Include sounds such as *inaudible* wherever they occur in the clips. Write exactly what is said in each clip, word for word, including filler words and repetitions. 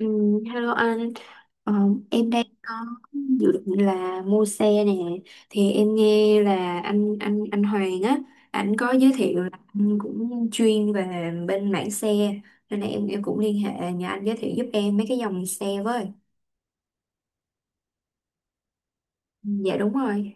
Ừ, hello anh. Ờ, em đang có dự định là mua xe nè. Thì em nghe là anh anh anh Hoàng á, anh có giới thiệu là anh cũng chuyên về bên mảng xe, nên là em em cũng liên hệ nhờ anh giới thiệu giúp em mấy cái dòng xe với. Ừ, dạ đúng rồi.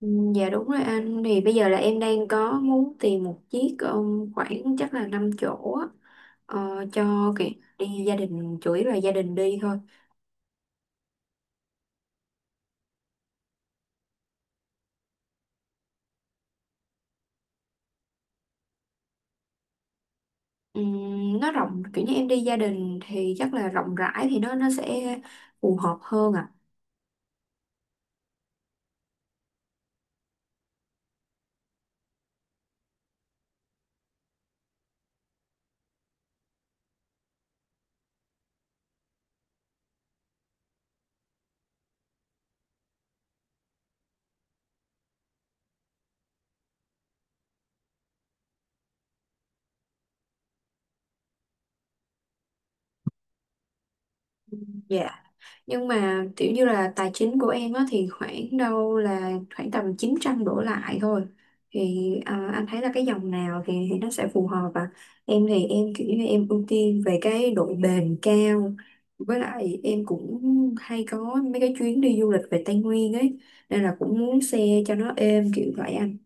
Ừ, dạ đúng rồi anh. Thì bây giờ là em đang có muốn tìm một chiếc um, khoảng chắc là năm chỗ á, ờ, cho kiểu đi gia đình, chủ yếu là gia đình đi thôi. Ừm, nó rộng kiểu như em đi gia đình thì chắc là rộng rãi thì nó nó sẽ phù hợp hơn ạ. Dạ. Nhưng mà kiểu như là tài chính của em á thì khoảng đâu là khoảng tầm chín trăm đổ lại thôi, thì à, anh thấy là cái dòng nào thì, thì nó sẽ phù hợp ạ. Em thì em kiểu như em ưu tiên về cái độ bền cao, với lại em cũng hay có mấy cái chuyến đi du lịch về Tây Nguyên ấy, nên là cũng muốn xe cho nó êm kiểu vậy anh.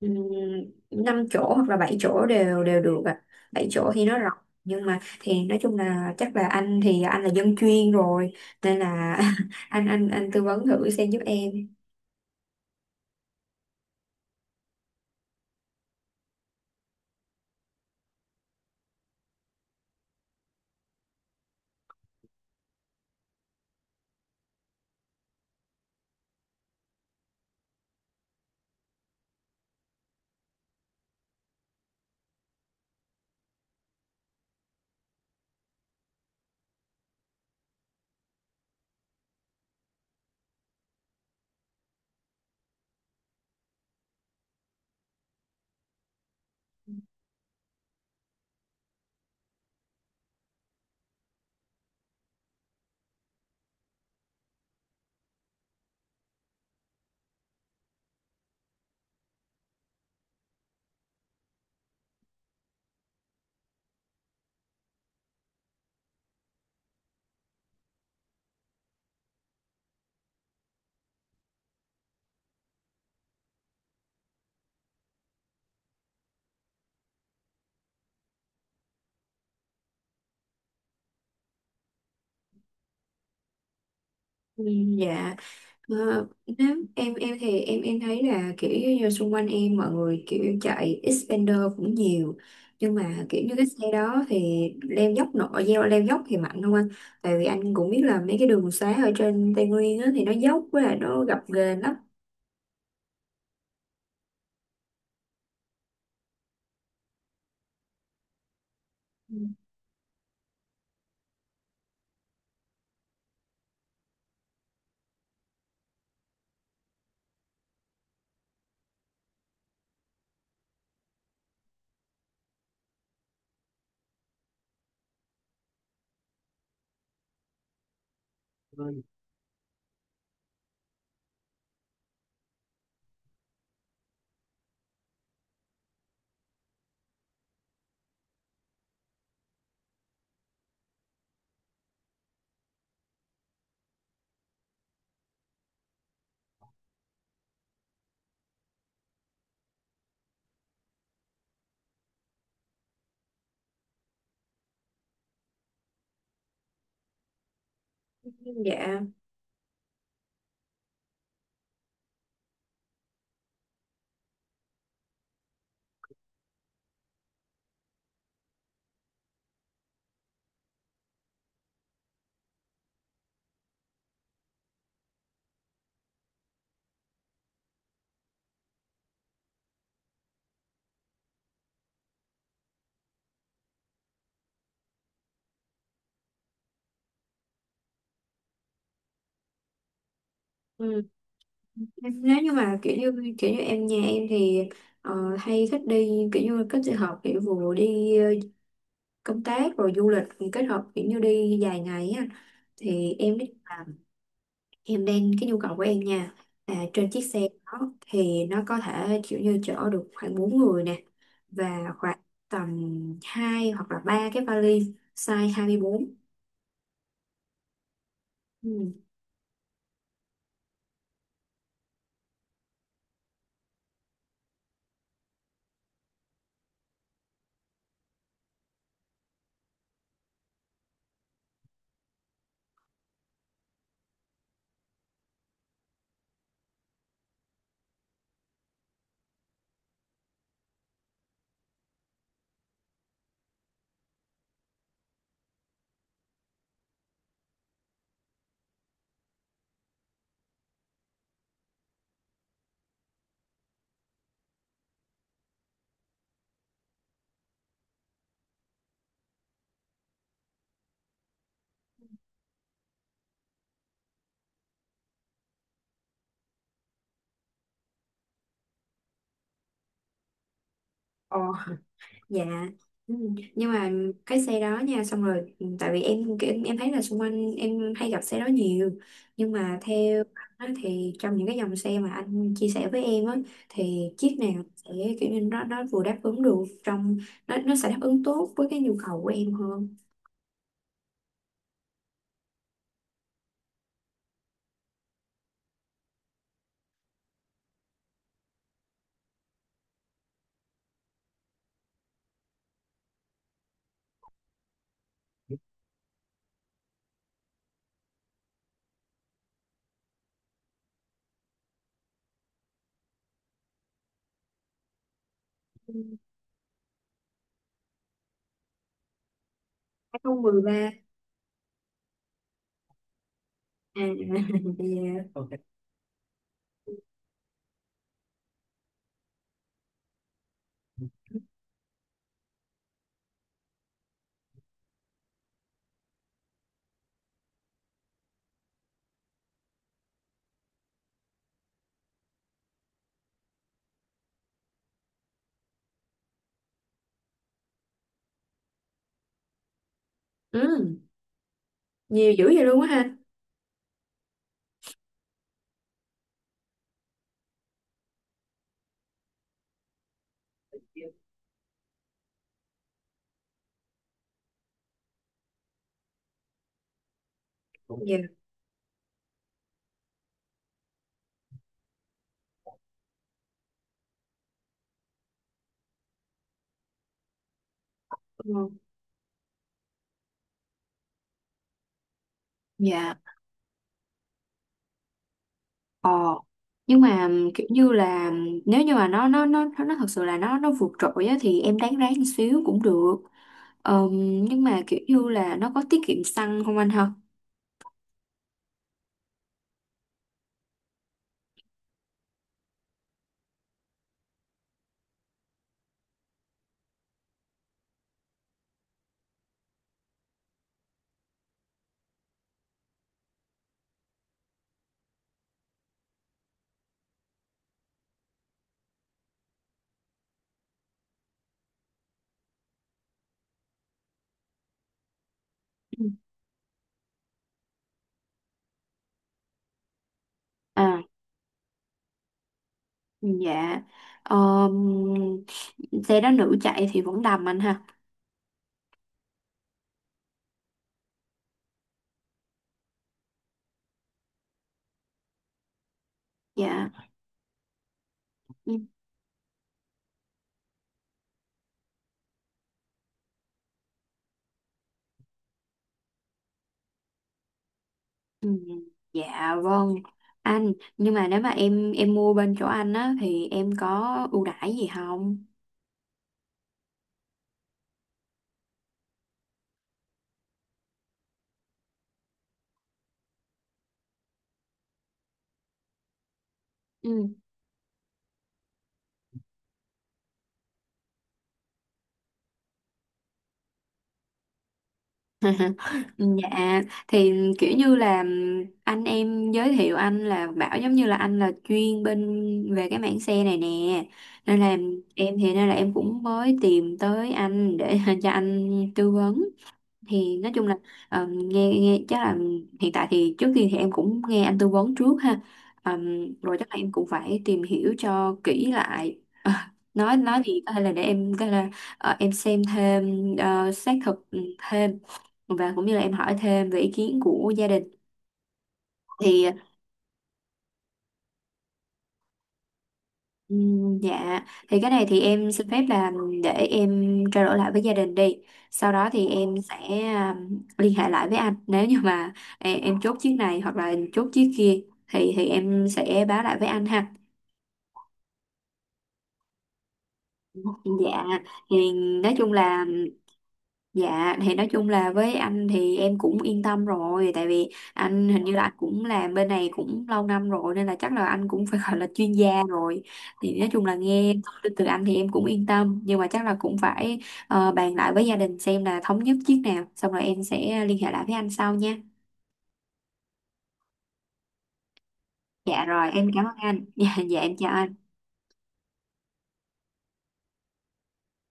Ừm, năm chỗ hoặc là bảy chỗ đều đều được ạ. Bảy chỗ thì nó rộng, nhưng mà thì nói chung là chắc là anh thì anh là dân chuyên rồi nên là *laughs* anh anh anh tư vấn thử xem giúp em. Ừm, dạ. Ờ, Nếu em em thì em em thấy là kiểu như xung quanh em mọi người kiểu chạy Xpander cũng nhiều, nhưng mà kiểu như cái xe đó thì leo dốc nổi, leo leo dốc thì mạnh không anh? Tại vì anh cũng biết là mấy cái đường xá ở trên Tây Nguyên á, thì nó dốc với lại nó gập ghềnh lắm. Dạ, ừ. Nếu như mà kiểu như kiểu như em nhà em thì ờ, hay thích đi kiểu như kết hợp kiểu vừa đi ờ, công tác rồi du lịch thì kết hợp kiểu như đi dài ngày á, thì em biết là em đang cái nhu cầu của em nha, là trên chiếc xe đó thì nó có thể kiểu như chở được khoảng bốn người nè, và khoảng tầm hai hoặc là ba cái vali size hai mươi tư. Ừ, dạ, ừ. Nhưng mà cái xe đó nha, xong rồi ừ, tại vì em em em thấy là xung quanh em hay gặp xe đó nhiều, nhưng mà theo anh á, thì trong những cái dòng xe mà anh chia sẻ với em á thì chiếc nào sẽ kiểu như nó nó vừa đáp ứng được trong nó nó sẽ đáp ứng tốt với cái nhu cầu của em hơn. Ừ, hai không một ba à. *laughs* Dạ, ừ, nhiều dữ vậy luôn á ha. Dạ, ừ. Dạ. Ờ, nhưng mà kiểu như là nếu như mà nó nó nó nó nó thật sự là nó nó vượt trội á, thì em đáng ráng một xíu cũng được. Ờm, nhưng mà kiểu như là nó có tiết kiệm xăng không anh ha? Ừ. À, dạ. Ờm, Xe đó nữ chạy thì vẫn đầm anh ha. Dạ. Ừ, ừ, dạ vâng. Anh, nhưng mà nếu mà em em mua bên chỗ anh á thì em có ưu đãi gì không? *laughs* Dạ. Thì kiểu như là anh em giới thiệu anh là bảo giống như là anh là chuyên bên về cái mảng xe này nè, nên là em, thì nên là em cũng mới tìm tới anh để *laughs* cho anh tư vấn. Thì nói chung là ờ, nghe nghe chắc là hiện tại thì trước tiên thì em cũng nghe anh tư vấn trước ha. Ờ, Rồi chắc là em cũng phải tìm hiểu cho kỹ lại. Ờ, nói nói gì có thể là để em có thể là ờ, em xem thêm ờ, xác thực thêm, và cũng như là em hỏi thêm về ý kiến của gia đình thì ừm, dạ thì cái này thì em xin phép là để em trao đổi lại với gia đình đi, sau đó thì em sẽ ừm, liên hệ lại với anh. Nếu như mà em, em chốt chiếc này hoặc là chốt chiếc kia thì thì em sẽ báo lại với anh ha. Dạ thì nói chung là dạ thì nói chung là với anh thì em cũng yên tâm rồi, tại vì anh hình như là anh cũng làm bên này cũng lâu năm rồi, nên là chắc là anh cũng phải *laughs* gọi là chuyên gia rồi. Thì nói chung là nghe thông tin từ anh thì em cũng yên tâm, nhưng mà chắc là cũng phải ờ, bàn lại với gia đình xem là thống nhất chiếc nào xong rồi em sẽ liên hệ lại với anh sau nha. Dạ rồi em cảm ơn anh. *laughs* Dạ, dạ em chào anh.